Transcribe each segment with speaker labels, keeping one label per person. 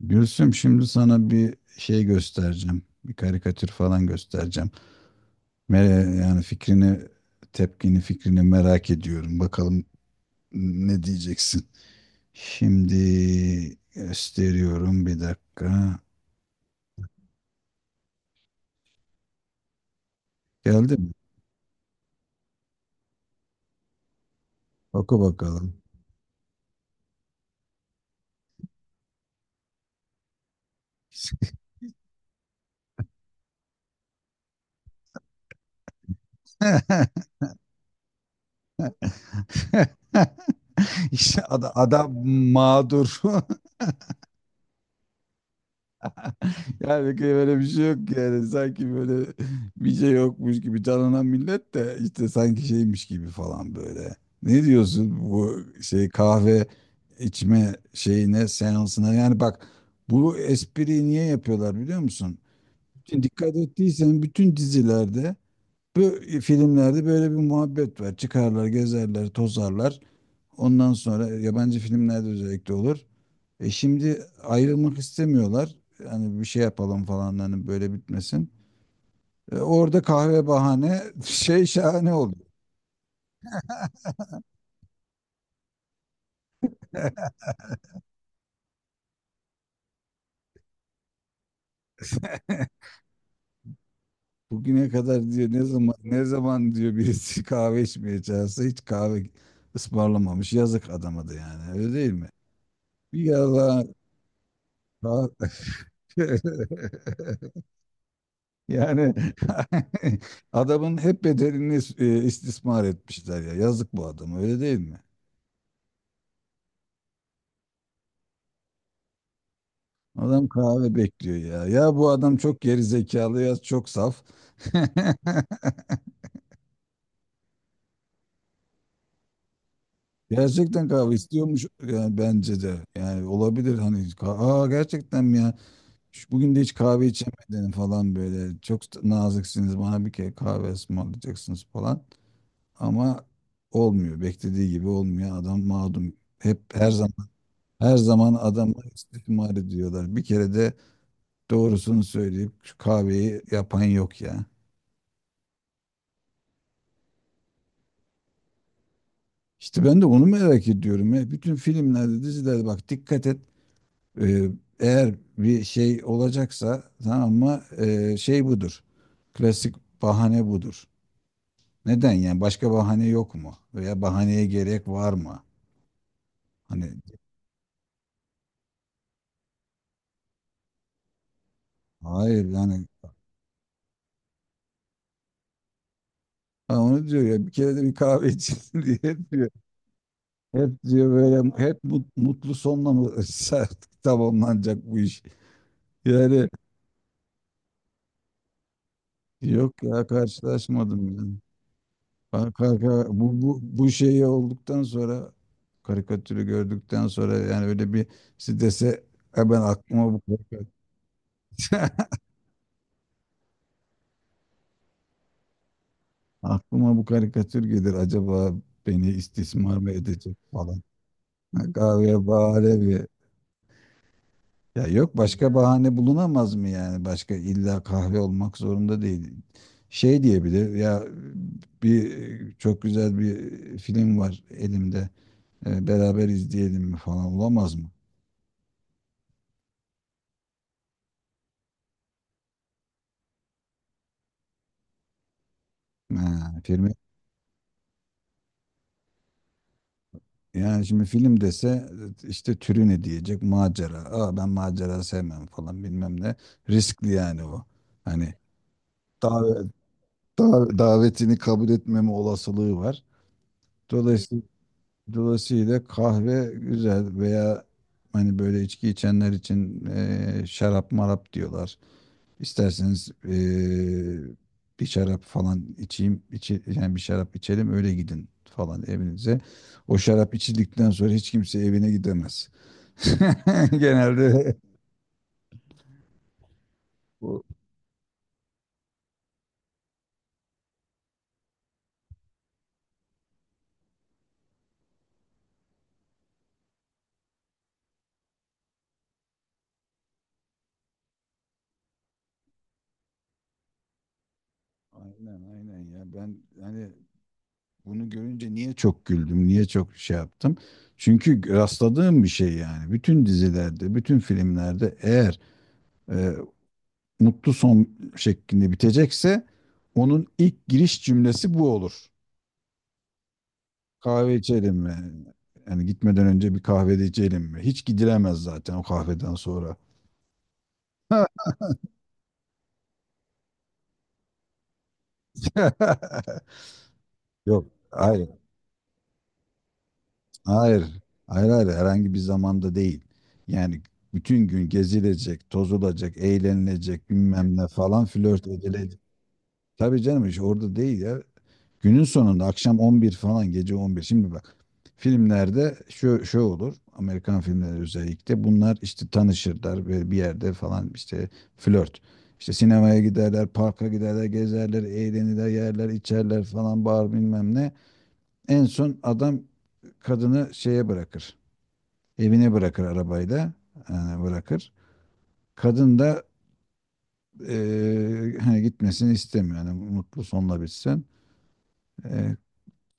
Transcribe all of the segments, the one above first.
Speaker 1: Gülsüm şimdi sana bir şey göstereceğim. Bir karikatür falan göstereceğim. Yani fikrini, tepkini, fikrini merak ediyorum. Bakalım ne diyeceksin. Şimdi gösteriyorum bir dakika. Geldi mi? Oku bakalım. İşte adam, mağdur. Yani böyle bir şey yok, yani sanki böyle bir şey yokmuş gibi canlanan millet de işte sanki şeymiş gibi falan böyle. Ne diyorsun bu şey kahve içme şeyine, seansına, yani bak bu espriyi niye yapıyorlar biliyor musun? Şimdi dikkat ettiysen bütün dizilerde, bu filmlerde böyle bir muhabbet var. Çıkarlar, gezerler, tozarlar. Ondan sonra yabancı filmlerde özellikle olur. E şimdi ayrılmak istemiyorlar. Yani bir şey yapalım falan, hani böyle bitmesin. E orada kahve bahane şey şahane oldu. Bugüne kadar diyor, ne zaman ne zaman diyor birisi kahve içmeye çağırsa hiç kahve ısmarlamamış. Yazık adama da yani, öyle değil mi? Bir yalan. Yani adamın hep bedelini istismar etmişler ya. Yazık bu adama, öyle değil mi? Adam kahve bekliyor ya. Ya bu adam çok geri zekalı ya çok saf. Gerçekten kahve istiyormuş yani bence de. Yani olabilir hani aa gerçekten mi ya? Bugün de hiç kahve içemedin falan böyle. Çok da naziksiniz, bana bir kere kahve ısmarlayacaksınız falan. Ama olmuyor. Beklediği gibi olmuyor. Adam mağdum. Hep her zaman, her zaman adamı istismar ediyorlar. Bir kere de doğrusunu söyleyip şu kahveyi yapan yok ya. İşte ben de onu merak ediyorum. Ya. Bütün filmlerde, dizilerde bak dikkat et. Ee, eğer bir şey olacaksa tamam mı? Şey budur. Klasik bahane budur. Neden yani? Başka bahane yok mu? Veya bahaneye gerek var mı? Hani hayır yani. Ha, onu diyor ya, bir kere de bir kahve içelim diye hep diyor. Hep diyor böyle, hep mutlu sonla mı tamamlanacak bu iş? Yani yok ya, karşılaşmadım ya. Kanka bu, bu şeyi olduktan sonra, karikatürü gördükten sonra yani öyle bir strese, "E ben aklıma bu karikatür, aklıma bu karikatür gelir acaba, beni istismar mı edecek falan." Ha, kahve bahane bir. Ya yok, başka bahane bulunamaz mı yani? Başka illa kahve olmak zorunda değil. Şey diyebilir ya, bir çok güzel bir film var elimde. E, beraber izleyelim mi falan olamaz mı? Ha, film. Yani şimdi film dese, işte türü ne diyecek? Macera. Aa ben macera sevmem falan bilmem ne. Riskli yani o. Hani davet, davetini kabul etmeme olasılığı var. Dolayısıyla, dolayısıyla kahve güzel veya hani böyle içki içenler için şarap marap diyorlar. İsterseniz bir şarap falan içeyim, yani bir şarap içelim öyle gidin falan evinize. O şarap içildikten sonra hiç kimse evine gidemez. Genelde bu, aynen aynen ya, ben hani bunu görünce niye çok güldüm, niye çok şey yaptım? Çünkü rastladığım bir şey yani. Bütün dizilerde, bütün filmlerde eğer eee, mutlu son şeklinde bitecekse, onun ilk giriş cümlesi bu olur. Kahve içelim mi? Yani gitmeden önce bir kahve de içelim mi? Hiç gidilemez zaten o kahveden sonra. Yok, hayır, hayır, hayır, hayır, herhangi bir zamanda değil. Yani bütün gün gezilecek, tozulacak, eğlenilecek, bilmem ne falan, flört edilecek. Tabii canım, iş orada değil ya. Günün sonunda akşam 11 falan, gece 11. Şimdi bak, filmlerde şu, şu olur. Amerikan filmleri özellikle bunlar, işte tanışırlar ve bir yerde falan işte flört. İşte sinemaya giderler, parka giderler, gezerler, eğlenirler, yerler, içerler falan, bağır bilmem ne. En son adam kadını şeye bırakır. Evine bırakır arabayla. Yani bırakır. Kadın da hani gitmesini istemiyor. Yani mutlu sonla bitsin. Eee,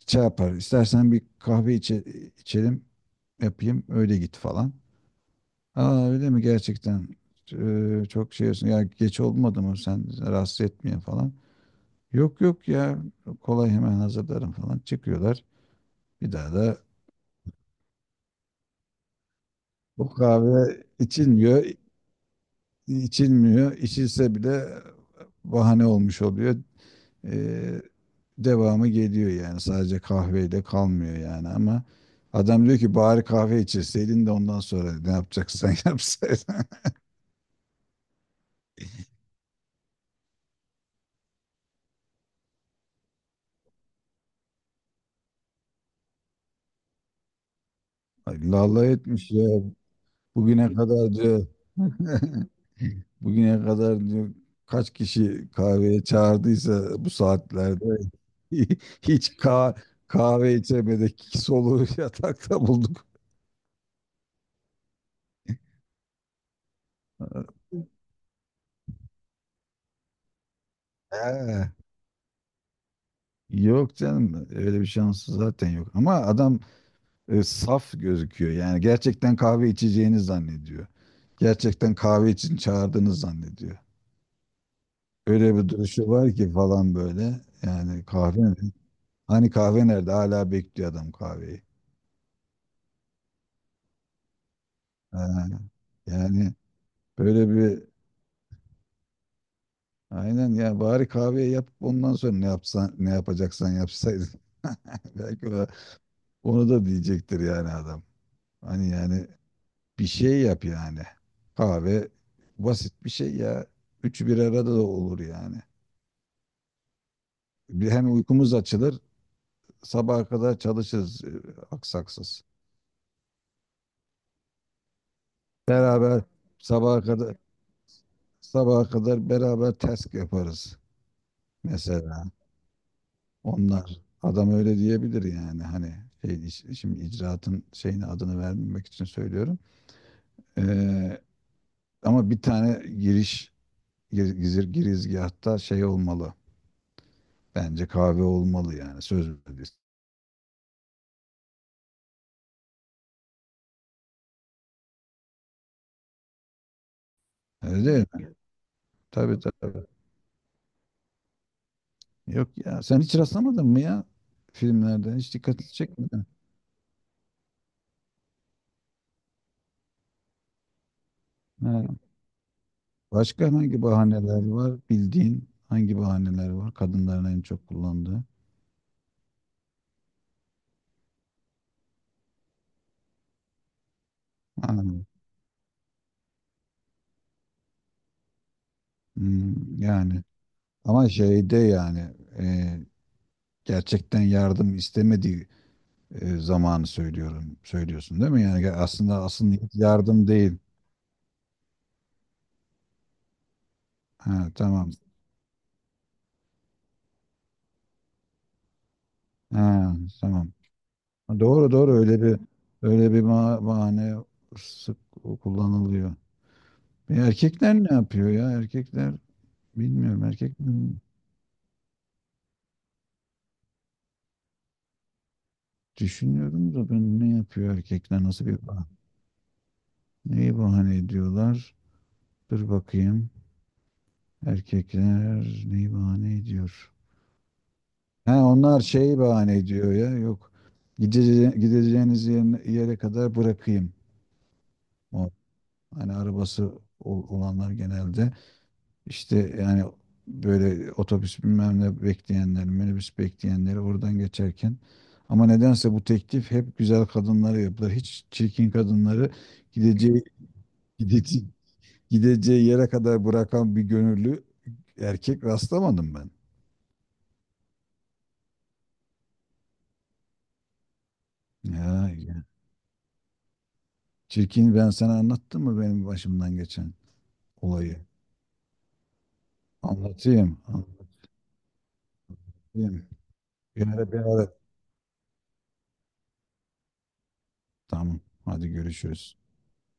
Speaker 1: şey yapar. İstersen bir kahve içelim yapayım öyle git falan. Aa öyle mi gerçekten? Çok şey olsun. Ya geç olmadı mı, sen rahatsız etmeyin falan. Yok yok ya, kolay hemen hazırlarım falan, çıkıyorlar. Bir daha da bu kahve içilmiyor. İçilmiyor, İçilse bile bahane olmuş oluyor. Ee, devamı geliyor yani. Sadece kahveyle kalmıyor yani, ama adam diyor ki bari kahve içirseydin de ondan sonra ne yapacaksan yapsaydın. Ay, lalla etmiş ya. Bugüne kadar diyor. Bugüne kadar diyor kaç kişi kahveye çağırdıysa bu saatlerde hiç kahve içemedik. Soluğu yatakta bulduk. He. Yok canım, öyle bir şansı zaten yok. Ama adam saf gözüküyor. Yani gerçekten kahve içeceğini zannediyor. Gerçekten kahve için çağırdığını zannediyor. Öyle bir duruşu var ki falan böyle. Yani kahve mi? Hani kahve nerede? Hala bekliyor adam kahveyi. Ha, yani böyle bir, aynen ya, bari kahveyi yapıp ondan sonra ne yapsan, ne yapacaksan yapsaydın. Belki onu da diyecektir yani adam. Hani yani bir şey yap yani. Kahve basit bir şey ya. Üçü bir arada da olur yani. Bir, hem uykumuz açılır, sabaha kadar çalışırız aksaksız. Beraber sabaha kadar, sabaha kadar beraber task yaparız mesela. Onlar adam öyle diyebilir yani, hani şey, şimdi icraatın şeyini, adını vermemek için söylüyorum. Ee, ama bir tane giriş, gir- gizir girizgahta şey olmalı. Bence kahve olmalı, yani söz verdiğiniz. Öyle değil mi? Tabii tabii. Yok ya, sen hiç rastlamadın mı ya filmlerden, hiç dikkatini çekmedin? Ha. Başka hangi bahaneler var, bildiğin hangi bahaneler var kadınların en çok kullandığı? Ha. Hmm, yani ama şeyde yani, e, gerçekten yardım istemediği zamanı söylüyorsun değil mi? Yani aslında asıl niyet yardım değil. Ha, tamam. Ha, tamam. Doğru doğru, öyle bir, öyle bir bahane sık kullanılıyor. E, erkekler ne yapıyor ya? Erkekler bilmiyorum. Erkek düşünüyorum da ben, ne yapıyor erkekler, nasıl bir neyi bahane ediyorlar? Dur bakayım. Erkekler neyi bahane ediyor? Ha, onlar şeyi bahane ediyor ya. Yok. Gideceğiniz yere kadar bırakayım. O hani arabası olanlar genelde. İşte yani böyle otobüs bilmem ne bekleyenler, minibüs bekleyenleri oradan geçerken, ama nedense bu teklif hep güzel kadınlara yapılır. Hiç çirkin kadınları gideceği, gideceği, gideceği yere kadar bırakan bir gönüllü erkek rastlamadım ben. Ya, ya. Çirkin, ben sana anlattım mı benim başımdan geçen olayı? Anlatayım, anlatayım. Bir ara, bir ara. Tamam, hadi görüşürüz.